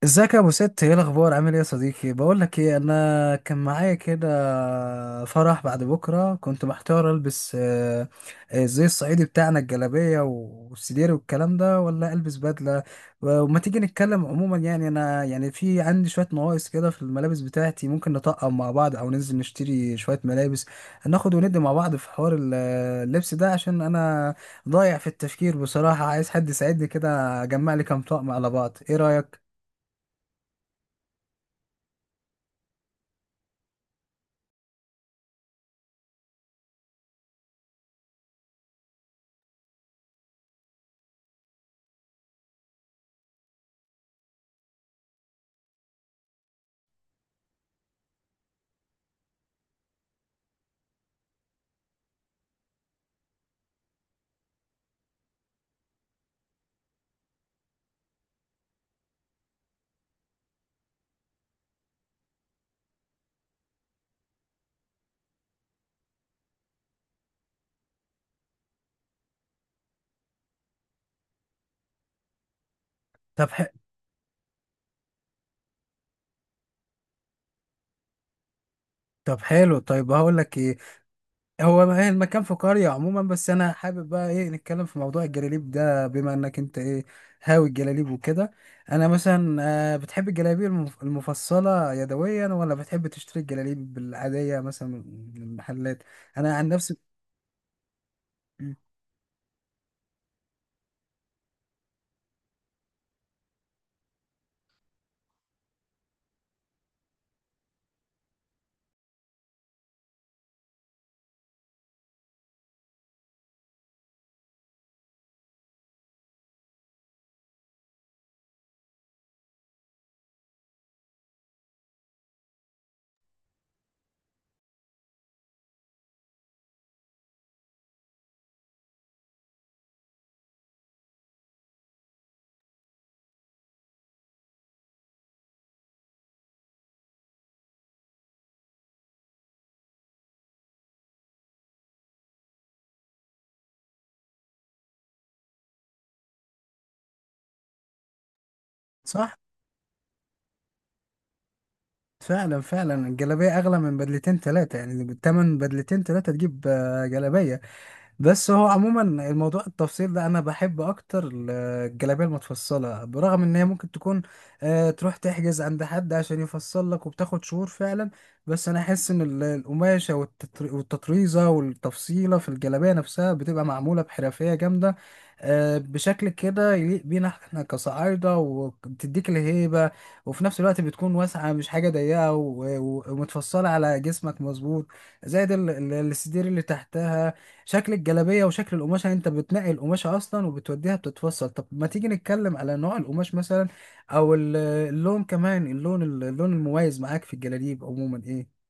ازيك يا ابو ست؟ ايه الاخبار؟ عامل ايه يا صديقي؟ بقول لك ايه، انا كان معايا كده فرح بعد بكره. كنت محتار البس زي الصعيدي بتاعنا الجلابيه والسدير والكلام ده، ولا البس بدله. وما تيجي نتكلم؟ عموما يعني انا يعني في عندي شويه نواقص كده في الملابس بتاعتي، ممكن نطقم مع بعض او ننزل نشتري شويه ملابس، ناخد وندي مع بعض في حوار اللبس ده، عشان انا ضايع في التفكير بصراحه. عايز حد يساعدني كده اجمع لي كام طقم على بعض. ايه رايك؟ طب ح... طب حلو. طيب، هقول لك ايه. هو ما- إيه المكان؟ في قرية عموما. بس انا حابب بقى ايه نتكلم في موضوع الجلاليب ده، بما انك انت ايه هاوي الجلاليب وكده. انا مثلا، بتحب الجلاليب المفصلة يدويا، ولا بتحب تشتري الجلاليب العادية مثلا من المحلات؟ انا عن نفسي. م. صح. فعلا، فعلا الجلابية اغلى من بدلتين ثلاثة، يعني بالتمن بدلتين ثلاثة تجيب جلابية. بس هو عموما الموضوع التفصيل ده انا بحب اكتر الجلابيه المتفصله، برغم ان هي ممكن تكون تروح تحجز عند حد عشان يفصل لك وبتاخد شهور فعلا. بس انا احس ان القماشه والتطريزه والتفصيله في الجلابيه نفسها بتبقى معموله بحرفيه جامده، بشكل كده يليق بينا احنا كصعايده، وبتديك الهيبه. وفي نفس الوقت بتكون واسعه، مش حاجه ضيقه ومتفصله على جسمك مظبوط. زائد الستير اللي تحتها، شكل الجلابية وشكل القماشة. يعني انت بتنقي القماشة اصلا وبتوديها بتتفصل. طب ما تيجي نتكلم على نوع القماش مثلا، او اللون؟ كمان اللون المميز معاك في الجلاليب عموما ايه؟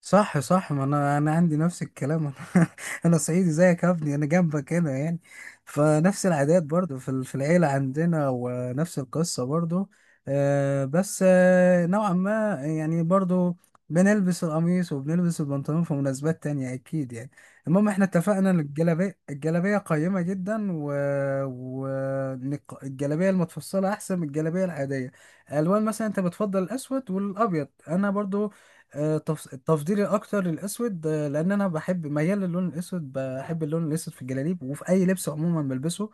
صح، صح. ما انا عندي نفس الكلام انا صعيدي زيك يا ابني، انا جنبك هنا يعني. فنفس العادات برضو في في العيله عندنا، ونفس القصه برضو. بس نوعا ما، يعني برضو بنلبس القميص وبنلبس البنطلون في مناسبات تانية أكيد يعني. المهم احنا اتفقنا إن الجلابية، الجلابية قيمة جدا و... إن الجلابية المتفصلة أحسن من الجلابية العادية. ألوان مثلا، أنت بتفضل الأسود والأبيض، أنا برضو. تفضيلي الاكتر للاسود. لان انا بحب، ميال للون الاسود، بحب اللون الاسود في الجلاليب وفي اي لبس عموما بلبسه.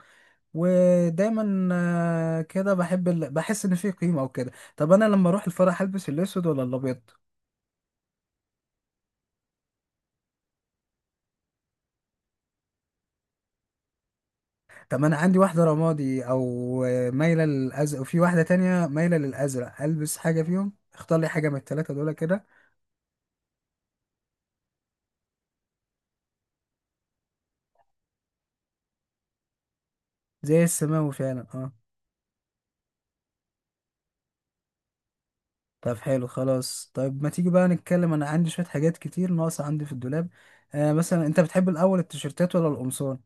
ودايما كده بحب بحس ان فيه قيمه او كده. طب انا لما اروح الفرح هلبس الاسود ولا الابيض؟ طب انا عندي واحده رمادي، او مايله للازرق، وفي واحده تانية مايله للازرق. البس حاجه فيهم، اختار لي حاجه من الثلاثه دول كده. زي السماوي فعلا، اه. طب حلو. خلاص، طيب، ما تيجي بقى نتكلم. انا عندي شوية حاجات كتير ناقصة عندي في الدولاب. مثلا، انت بتحب الاول التيشيرتات ولا القمصان؟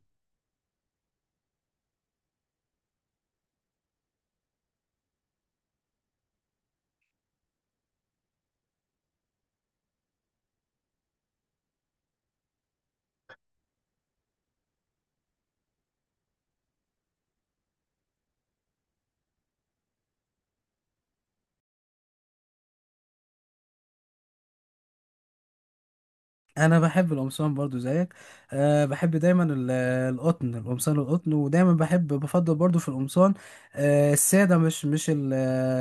انا بحب القمصان برضو زيك. أه، بحب دايما القطن، القمصان القطن. ودايما بحب، بفضل برضو في القمصان أه الساده، مش مش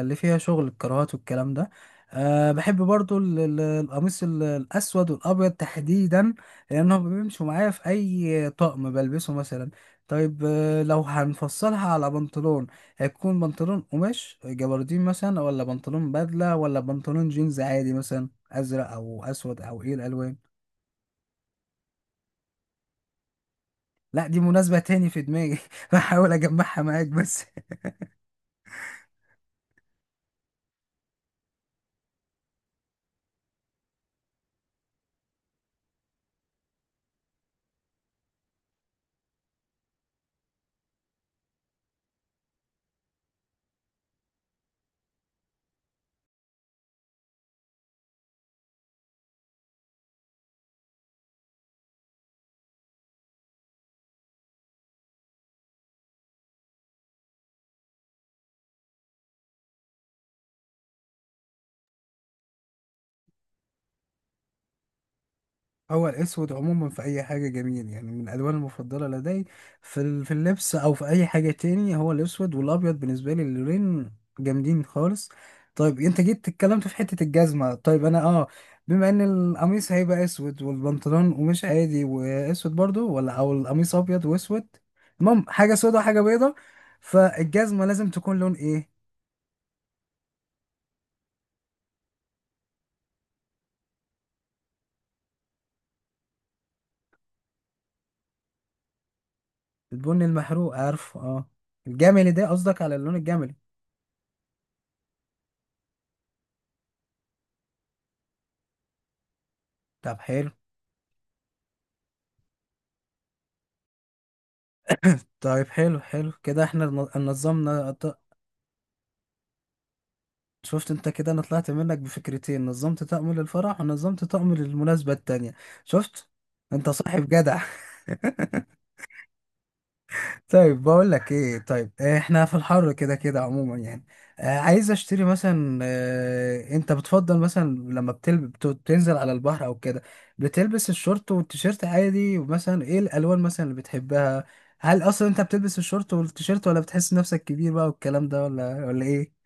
اللي فيها شغل الكراهات والكلام ده. أه، بحب برضو القميص الاسود والابيض تحديدا، لانهم بيمشوا معايا في اي طقم بلبسه مثلا. طيب، لو هنفصلها على بنطلون، هيكون بنطلون قماش جبردين مثلا، ولا بنطلون بدله، ولا بنطلون جينز عادي مثلا، ازرق او اسود، او ايه الالوان؟ لا، دي مناسبة تاني في دماغي بحاول أجمعها معاك بس. هو الأسود عموما في أي حاجة جميل، يعني من الألوان المفضلة لدي في في اللبس أو في أي حاجة تاني. هو الأسود والأبيض بالنسبة لي اللونين جامدين خالص. طيب، أنت جيت اتكلمت في حتة الجزمة. طيب أنا أه، بما إن القميص هيبقى أسود والبنطلون قماش عادي وأسود برضو، ولا أو القميص أبيض وأسود، المهم حاجة سودة وحاجة بيضة، فالجزمة لازم تكون لون إيه؟ البن المحروق، عارفه، اه. الجملي ده قصدك، على اللون الجملي؟ طب حلو. طيب، حلو، حلو كده احنا نظمنا شفت انت كده، انا طلعت منك بفكرتين، نظمت طقم للفرح ونظمت طقم للمناسبة التانية. شفت. انت صاحب جدع. طيب، بقول لك ايه. طيب، احنا في الحر كده كده عموما يعني، عايز اشتري مثلا. انت بتفضل مثلا لما بتنزل على البحر او كده، بتلبس الشورت والتيشيرت عادي؟ ومثلا ايه الالوان مثلا اللي بتحبها؟ هل اصلا انت بتلبس الشورت والتيشيرت، ولا بتحس نفسك كبير بقى والكلام ده، ولا ايه؟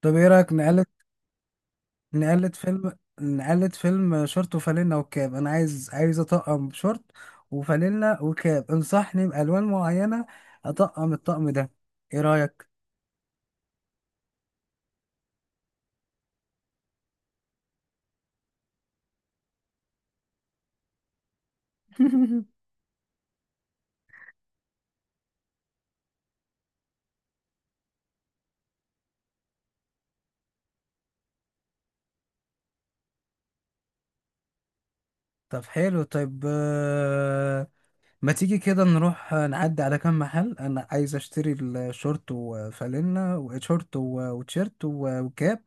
طب ايه رايك نقلل، نقلد فيلم نقلد فيلم، شورت وفانلة وكاب. انا عايز اطقم شورت وفانلة وكاب، انصحني بالوان معينة اطقم الطقم ده. ايه رأيك؟ طب حلو. طيب، ما تيجي كده نروح نعدي على كام محل. انا عايز اشتري الشورت وفانلة، وشورت وتيشيرت وكاب،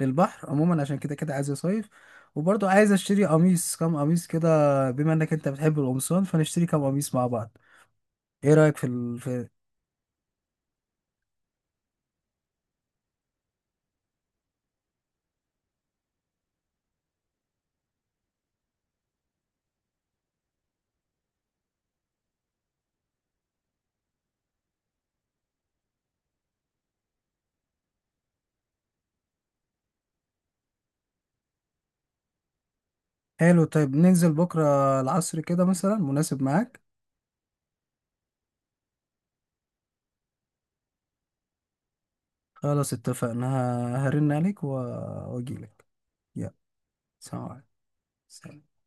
للبحر عموما، عشان كده كده عايز اصيف. وبرضه عايز اشتري قميص، كام قميص كده، بما انك انت بتحب القمصان فنشتري كام قميص مع بعض. ايه رأيك في حلو. طيب ننزل بكرة العصر كده مثلا، مناسب معاك؟ خلاص، اتفقنا. هرن عليك واجيلك. يلا، سلام عليكم. سلام.